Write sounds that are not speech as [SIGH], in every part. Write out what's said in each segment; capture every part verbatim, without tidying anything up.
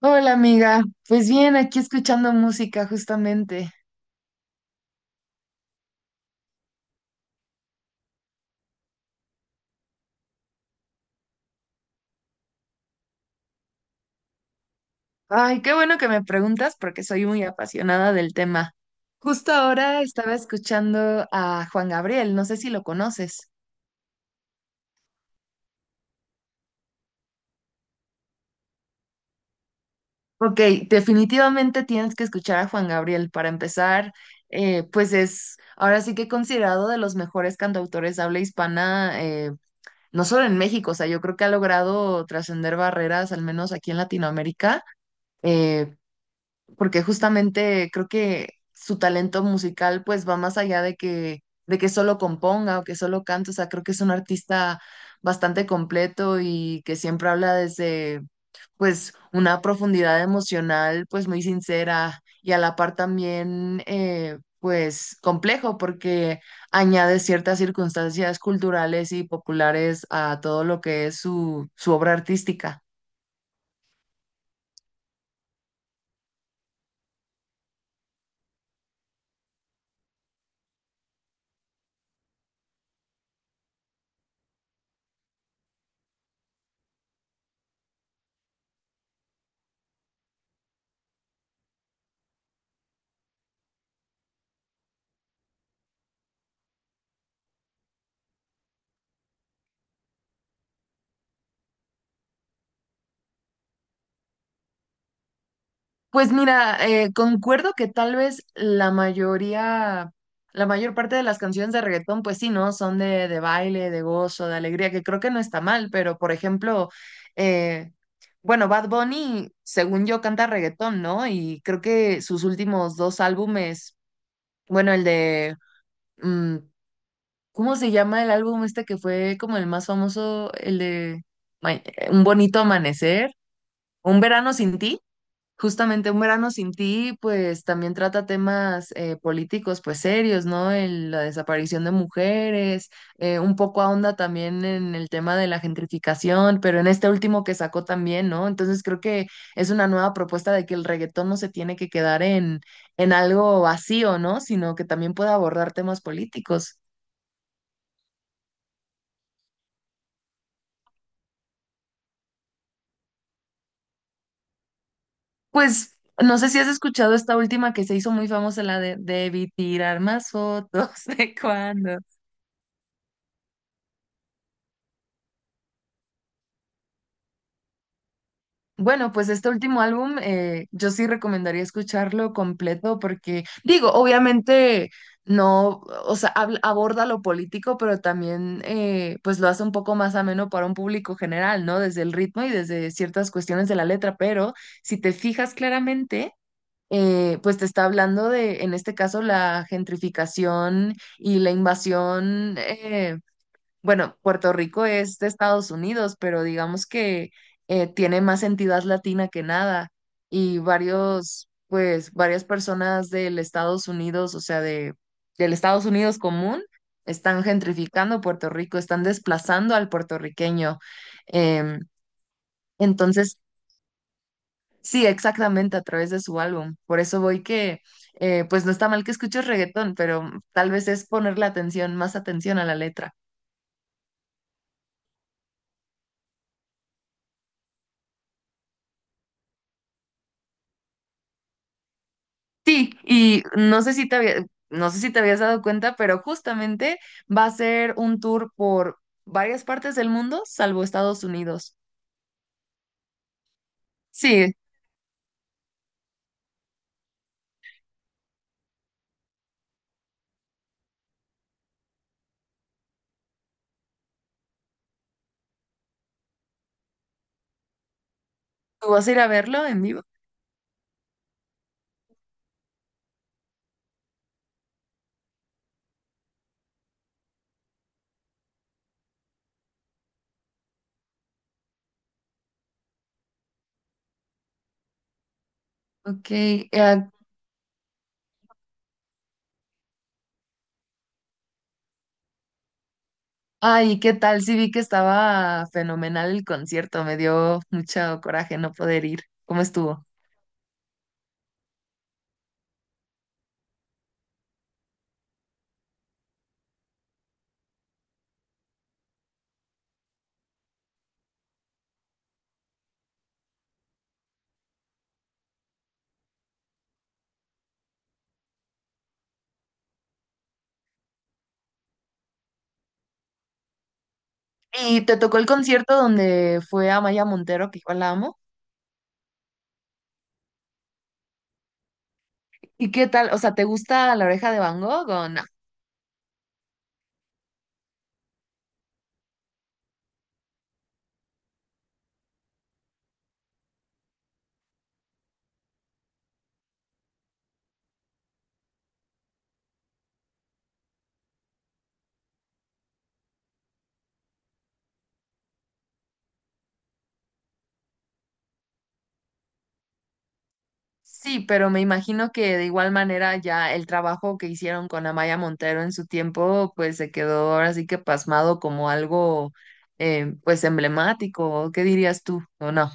Hola amiga, pues bien, aquí escuchando música justamente. Ay, qué bueno que me preguntas porque soy muy apasionada del tema. Justo ahora estaba escuchando a Juan Gabriel, no sé si lo conoces. Ok, definitivamente tienes que escuchar a Juan Gabriel para empezar, eh, pues es ahora sí que considerado de los mejores cantautores de habla hispana, eh, no solo en México, o sea, yo creo que ha logrado trascender barreras, al menos aquí en Latinoamérica. Eh, Porque justamente creo que su talento musical pues va más allá de que, de que solo componga o que solo cante, o sea, creo que es un artista bastante completo y que siempre habla desde pues una profundidad emocional pues muy sincera y a la par también eh, pues complejo porque añade ciertas circunstancias culturales y populares a todo lo que es su, su obra artística. Pues mira, eh, concuerdo que tal vez la mayoría, la mayor parte de las canciones de reggaetón, pues sí, ¿no? Son de, de baile, de gozo, de alegría, que creo que no está mal, pero por ejemplo, eh, bueno, Bad Bunny, según yo, canta reggaetón, ¿no? Y creo que sus últimos dos álbumes, bueno, el de, mm, ¿cómo se llama el álbum este que fue como el más famoso? El de Ma- Un bonito amanecer, Un verano sin ti. Justamente Un verano sin ti, pues también trata temas eh, políticos, pues serios, ¿no? El- la desaparición de mujeres, eh, un poco ahonda también en el tema de la gentrificación, pero en este último que sacó también, ¿no? Entonces creo que es una nueva propuesta de que el reggaetón no se tiene que quedar en, en algo vacío, ¿no? Sino que también pueda abordar temas políticos. Pues no sé si has escuchado esta última que se hizo muy famosa, la de debí tirar más fotos, [LAUGHS] ¿de cuando Bueno, pues este último álbum eh, yo sí recomendaría escucharlo completo porque, digo, obviamente no, o sea, habla- aborda lo político, pero también eh, pues lo hace un poco más ameno para un público general, ¿no? Desde el ritmo y desde ciertas cuestiones de la letra, pero si te fijas claramente, eh, pues te está hablando de, en este caso, la gentrificación y la invasión. Eh, bueno, Puerto Rico es de Estados Unidos, pero digamos que eh, tiene más entidad latina que nada y varios, pues, varias personas del Estados Unidos, o sea, de, del Estados Unidos común, están gentrificando Puerto Rico, están desplazando al puertorriqueño. Em, entonces, sí, exactamente a través de su álbum. Por eso voy que, eh, pues, no está mal que escuches reggaetón, pero tal vez es ponerle atención, más atención a la letra. Sí, y no sé si te había- no sé si te habías dado cuenta, pero justamente va a ser un tour por varias partes del mundo, salvo Estados Unidos. Sí, ¿tú vas a ir a verlo en vivo? Ok, eh, ay, ¿qué tal? Sí vi que estaba fenomenal el concierto, me dio mucho coraje no poder ir. ¿Cómo estuvo? Y te tocó el concierto donde fue Amaya Montero, que igual la amo. ¿Y qué tal? O sea, ¿te gusta La Oreja de Van Gogh? ¿O no? Sí, pero me imagino que de igual manera ya el trabajo que hicieron con Amaya Montero en su tiempo, pues se quedó ahora sí que pasmado como algo eh, pues emblemático, ¿qué dirías tú o no?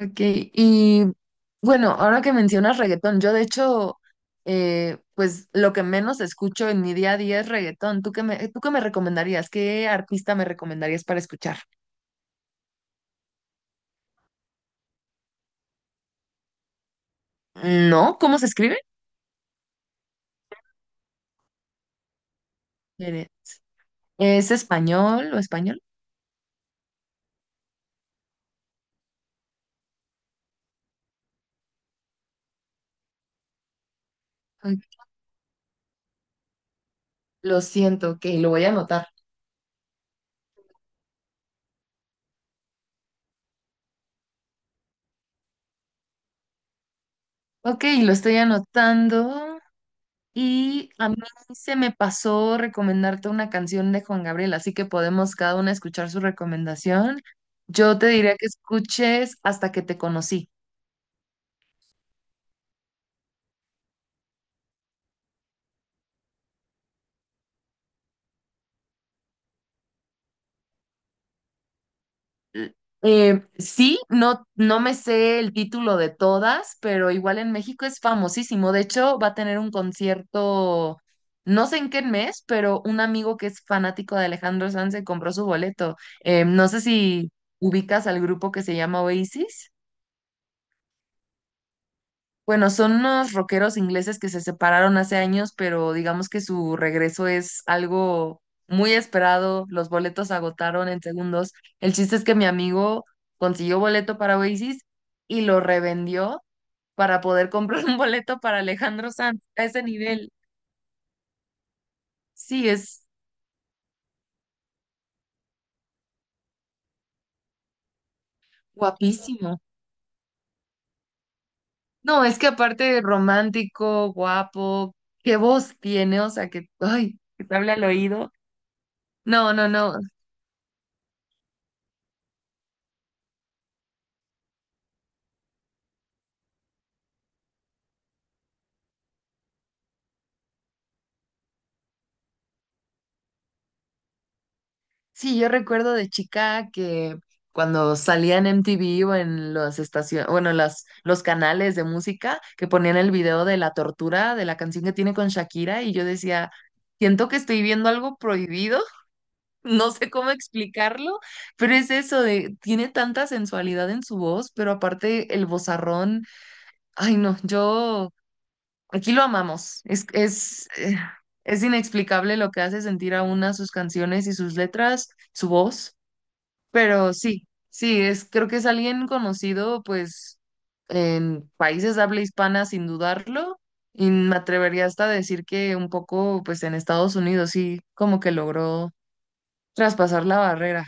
Ok, y bueno, ahora que mencionas reggaetón, yo de hecho eh, pues lo que menos escucho en mi día a día es reggaetón. ¿Tú qué me, tú qué me recomendarías? ¿Qué artista me recomendarías para escuchar? ¿No? ¿Cómo se escribe? Eh, ¿Es español o español? Lo siento, ok, lo voy a anotar. Ok, lo estoy anotando. Y a mí se me pasó recomendarte una canción de Juan Gabriel, así que podemos cada una escuchar su recomendación. Yo te diría que escuches Hasta que te conocí. L- Eh, sí, no, no me sé el título de todas, pero igual en México es famosísimo. De hecho, va a tener un concierto, no sé en qué mes, pero un amigo que es fanático de Alejandro Sanz se compró su boleto. Eh, no sé si ubicas al grupo que se llama Oasis. Bueno, son unos rockeros ingleses que se separaron hace años, pero digamos que su regreso es algo muy esperado. Los boletos se agotaron en segundos. El chiste es que mi amigo consiguió boleto para Oasis y lo revendió para poder comprar [LAUGHS] un boleto para Alejandro Sanz a ese nivel. Sí, es guapísimo. No, es que aparte romántico, guapo, qué voz tiene, o sea que, ay, que te habla al oído. No, no, no. Sí, yo recuerdo de chica que cuando salía en M T V o en las estaciones, bueno, las, los canales de música que ponían el video de la tortura de la canción que tiene con Shakira y yo decía, siento que estoy viendo algo prohibido, [LAUGHS] no sé cómo explicarlo, pero es eso de, tiene tanta sensualidad en su voz, pero aparte el vozarrón, ay no, yo, aquí lo amamos, es, es, eh, es inexplicable lo que hace sentir a una sus canciones y sus letras, su voz. Pero sí, sí, es, creo que es alguien conocido, pues, en países de habla hispana, sin dudarlo, y me atrevería hasta a decir que un poco, pues, en Estados Unidos, sí, como que logró traspasar la barrera.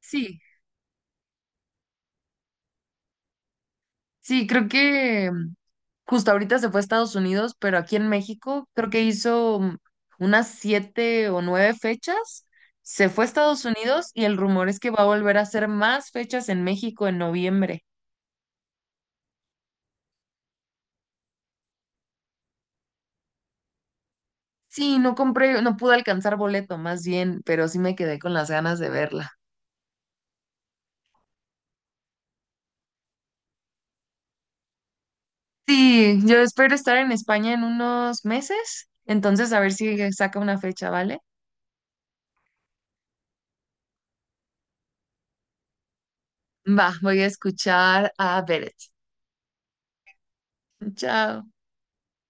Sí, sí, creo que mm, justo ahorita se fue a Estados Unidos, pero aquí en México creo que hizo mm, unas siete o nueve fechas. Se fue a Estados Unidos y el rumor es que va a volver a hacer más fechas en México en noviembre. Sí, no compré, no pude alcanzar boleto más bien, pero sí me quedé con las ganas de verla. Sí, yo espero estar en España en unos meses, entonces a ver si saca una fecha, ¿vale? Va, voy a escuchar a Beret. Chao.